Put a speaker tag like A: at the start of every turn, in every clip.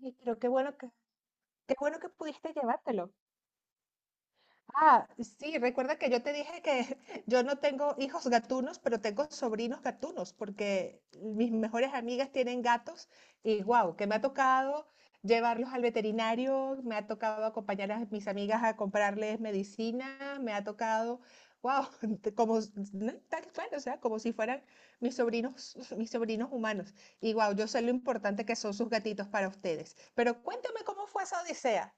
A: Y creo que bueno que, qué bueno que pudiste llevártelo. Ah, sí, recuerda que yo te dije que yo no tengo hijos gatunos, pero tengo sobrinos gatunos, porque mis mejores amigas tienen gatos y wow, que me ha tocado llevarlos al veterinario, me ha tocado acompañar a mis amigas a comprarles medicina, me ha tocado, wow, no, tal cual, o sea, como si fueran mis sobrinos, mis sobrinos humanos. Y wow, yo sé lo importante que son sus gatitos para ustedes. Pero cuéntame cómo fue esa odisea.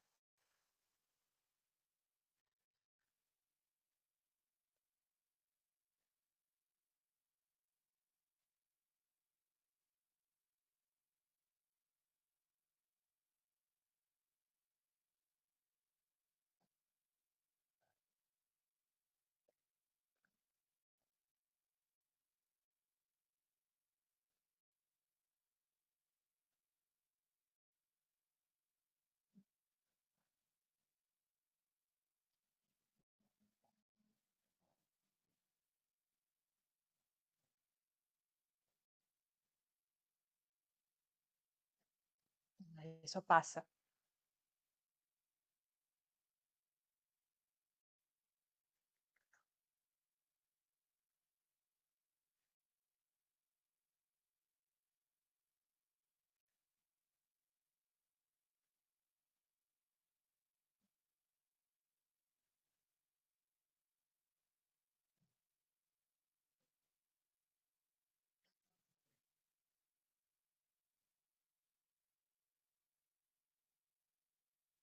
A: Eso pasa.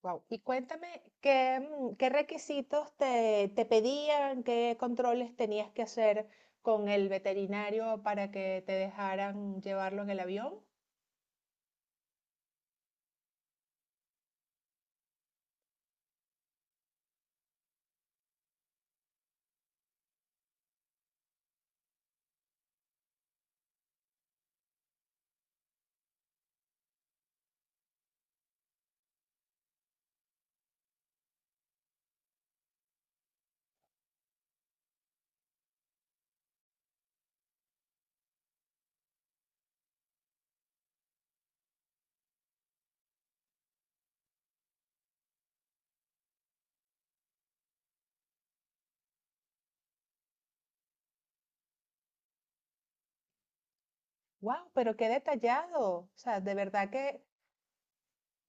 A: Wow. Y cuéntame qué requisitos te pedían, qué controles tenías que hacer con el veterinario para que te dejaran llevarlo en el avión. Wow, pero qué detallado. O sea, de verdad que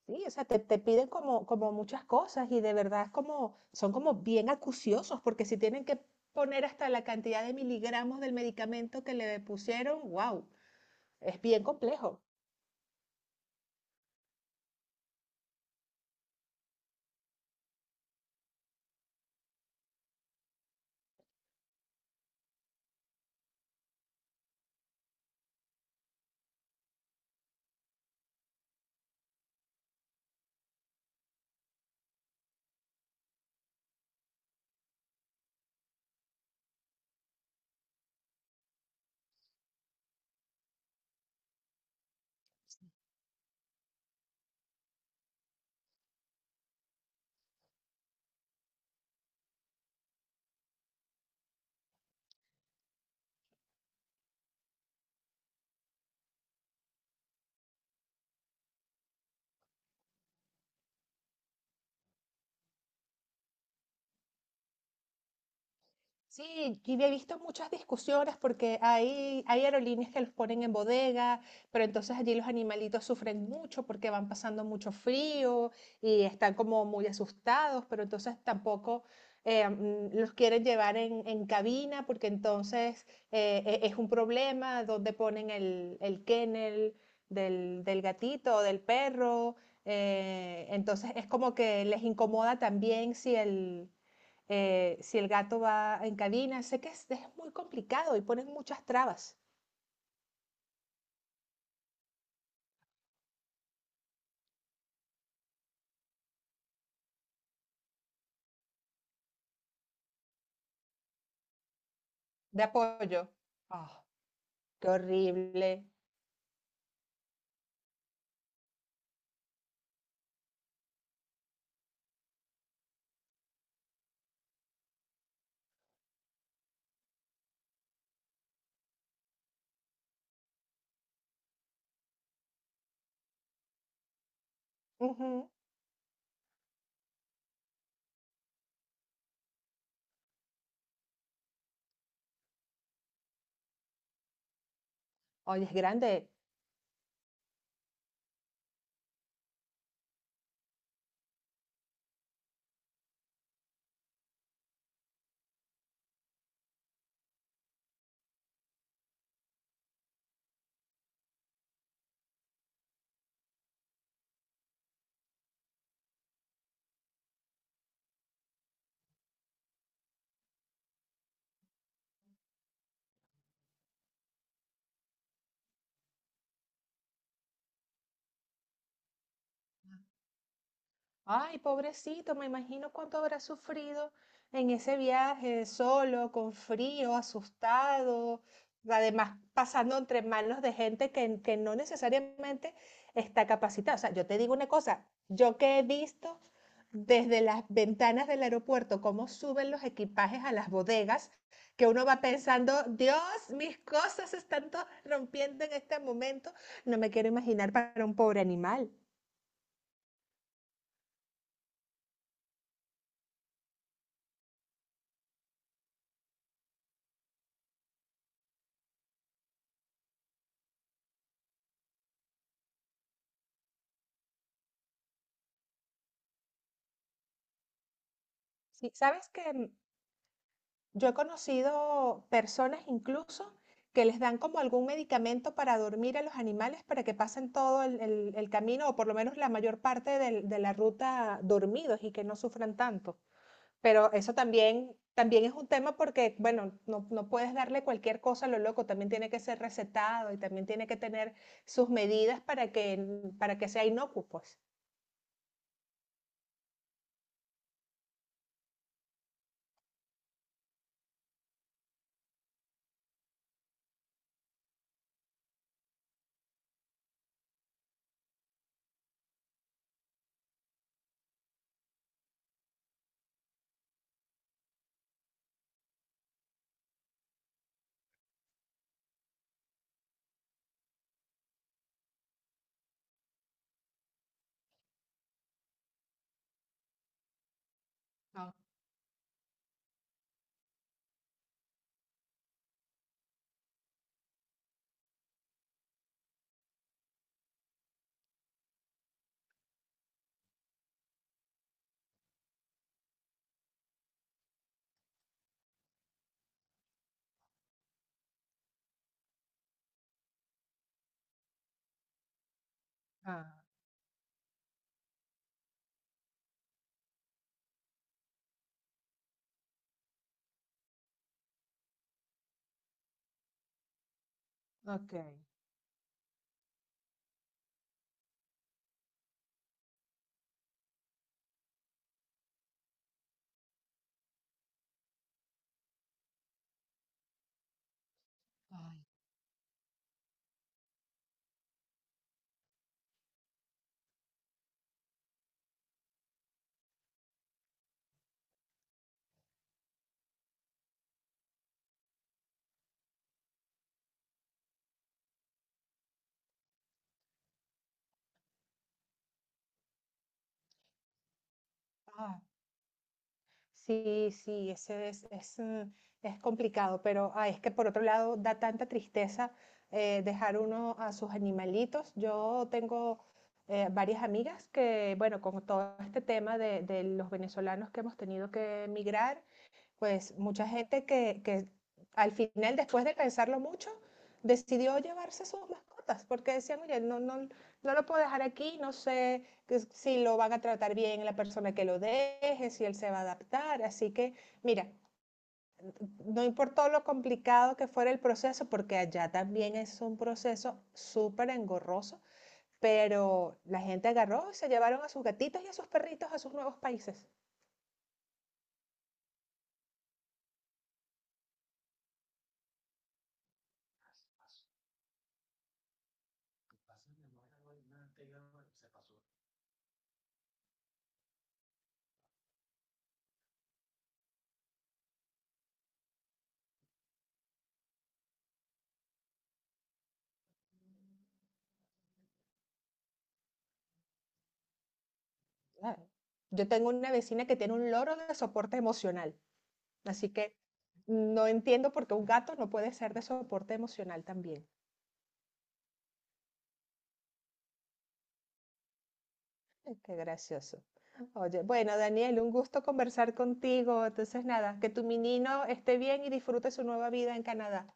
A: sí, o sea, te piden como, como muchas cosas y de verdad es como, son como bien acuciosos porque si tienen que poner hasta la cantidad de miligramos del medicamento que le pusieron, wow, es bien complejo. Sí, y he visto muchas discusiones porque hay aerolíneas que los ponen en bodega, pero entonces allí los animalitos sufren mucho porque van pasando mucho frío y están como muy asustados, pero entonces tampoco los quieren llevar en cabina porque entonces es un problema dónde ponen el kennel del gatito o del perro. Entonces es como que les incomoda también si el si el gato va en cabina, sé que es muy complicado y ponen muchas trabas de apoyo. Ah, qué horrible. Ujú. Oye, es grande. Ay, pobrecito, me imagino cuánto habrá sufrido en ese viaje, solo, con frío, asustado, además pasando entre manos de gente que no necesariamente está capacitada. O sea, yo te digo una cosa, yo que he visto desde las ventanas del aeropuerto cómo suben los equipajes a las bodegas, que uno va pensando, Dios, mis cosas se están todas rompiendo en este momento, no me quiero imaginar para un pobre animal. Sí, ¿sabes qué? Yo he conocido personas incluso que les dan como algún medicamento para dormir a los animales para que pasen todo el camino o por lo menos la mayor parte de la ruta dormidos y que no sufran tanto. Pero eso también, también es un tema porque, bueno, no, no puedes darle cualquier cosa a lo loco, también tiene que ser recetado y también tiene que tener sus medidas para que sea inocuo, pues. Ah, Ah, ok. Ay. Ah, sí, sí, ese es, es complicado, pero ay, es que por otro lado da tanta tristeza dejar uno a sus animalitos. Yo tengo varias amigas que, bueno, con todo este tema de los venezolanos que hemos tenido que emigrar, pues mucha gente que al final, después de pensarlo mucho, decidió llevarse sus mascotas, porque decían, oye, no, no, no lo puedo dejar aquí, no sé si lo van a tratar bien la persona que lo deje, si él se va a adaptar. Así que, mira, no importó lo complicado que fuera el proceso, porque allá también es un proceso súper engorroso, pero la gente agarró y se llevaron a sus gatitos y a sus perritos a sus nuevos países. Claro. Yo tengo una vecina que tiene un loro de soporte emocional, así que no entiendo por qué un gato no puede ser de soporte emocional también. Ay, qué gracioso. Oye, bueno, Daniel, un gusto conversar contigo. Entonces, nada, que tu menino esté bien y disfrute su nueva vida en Canadá.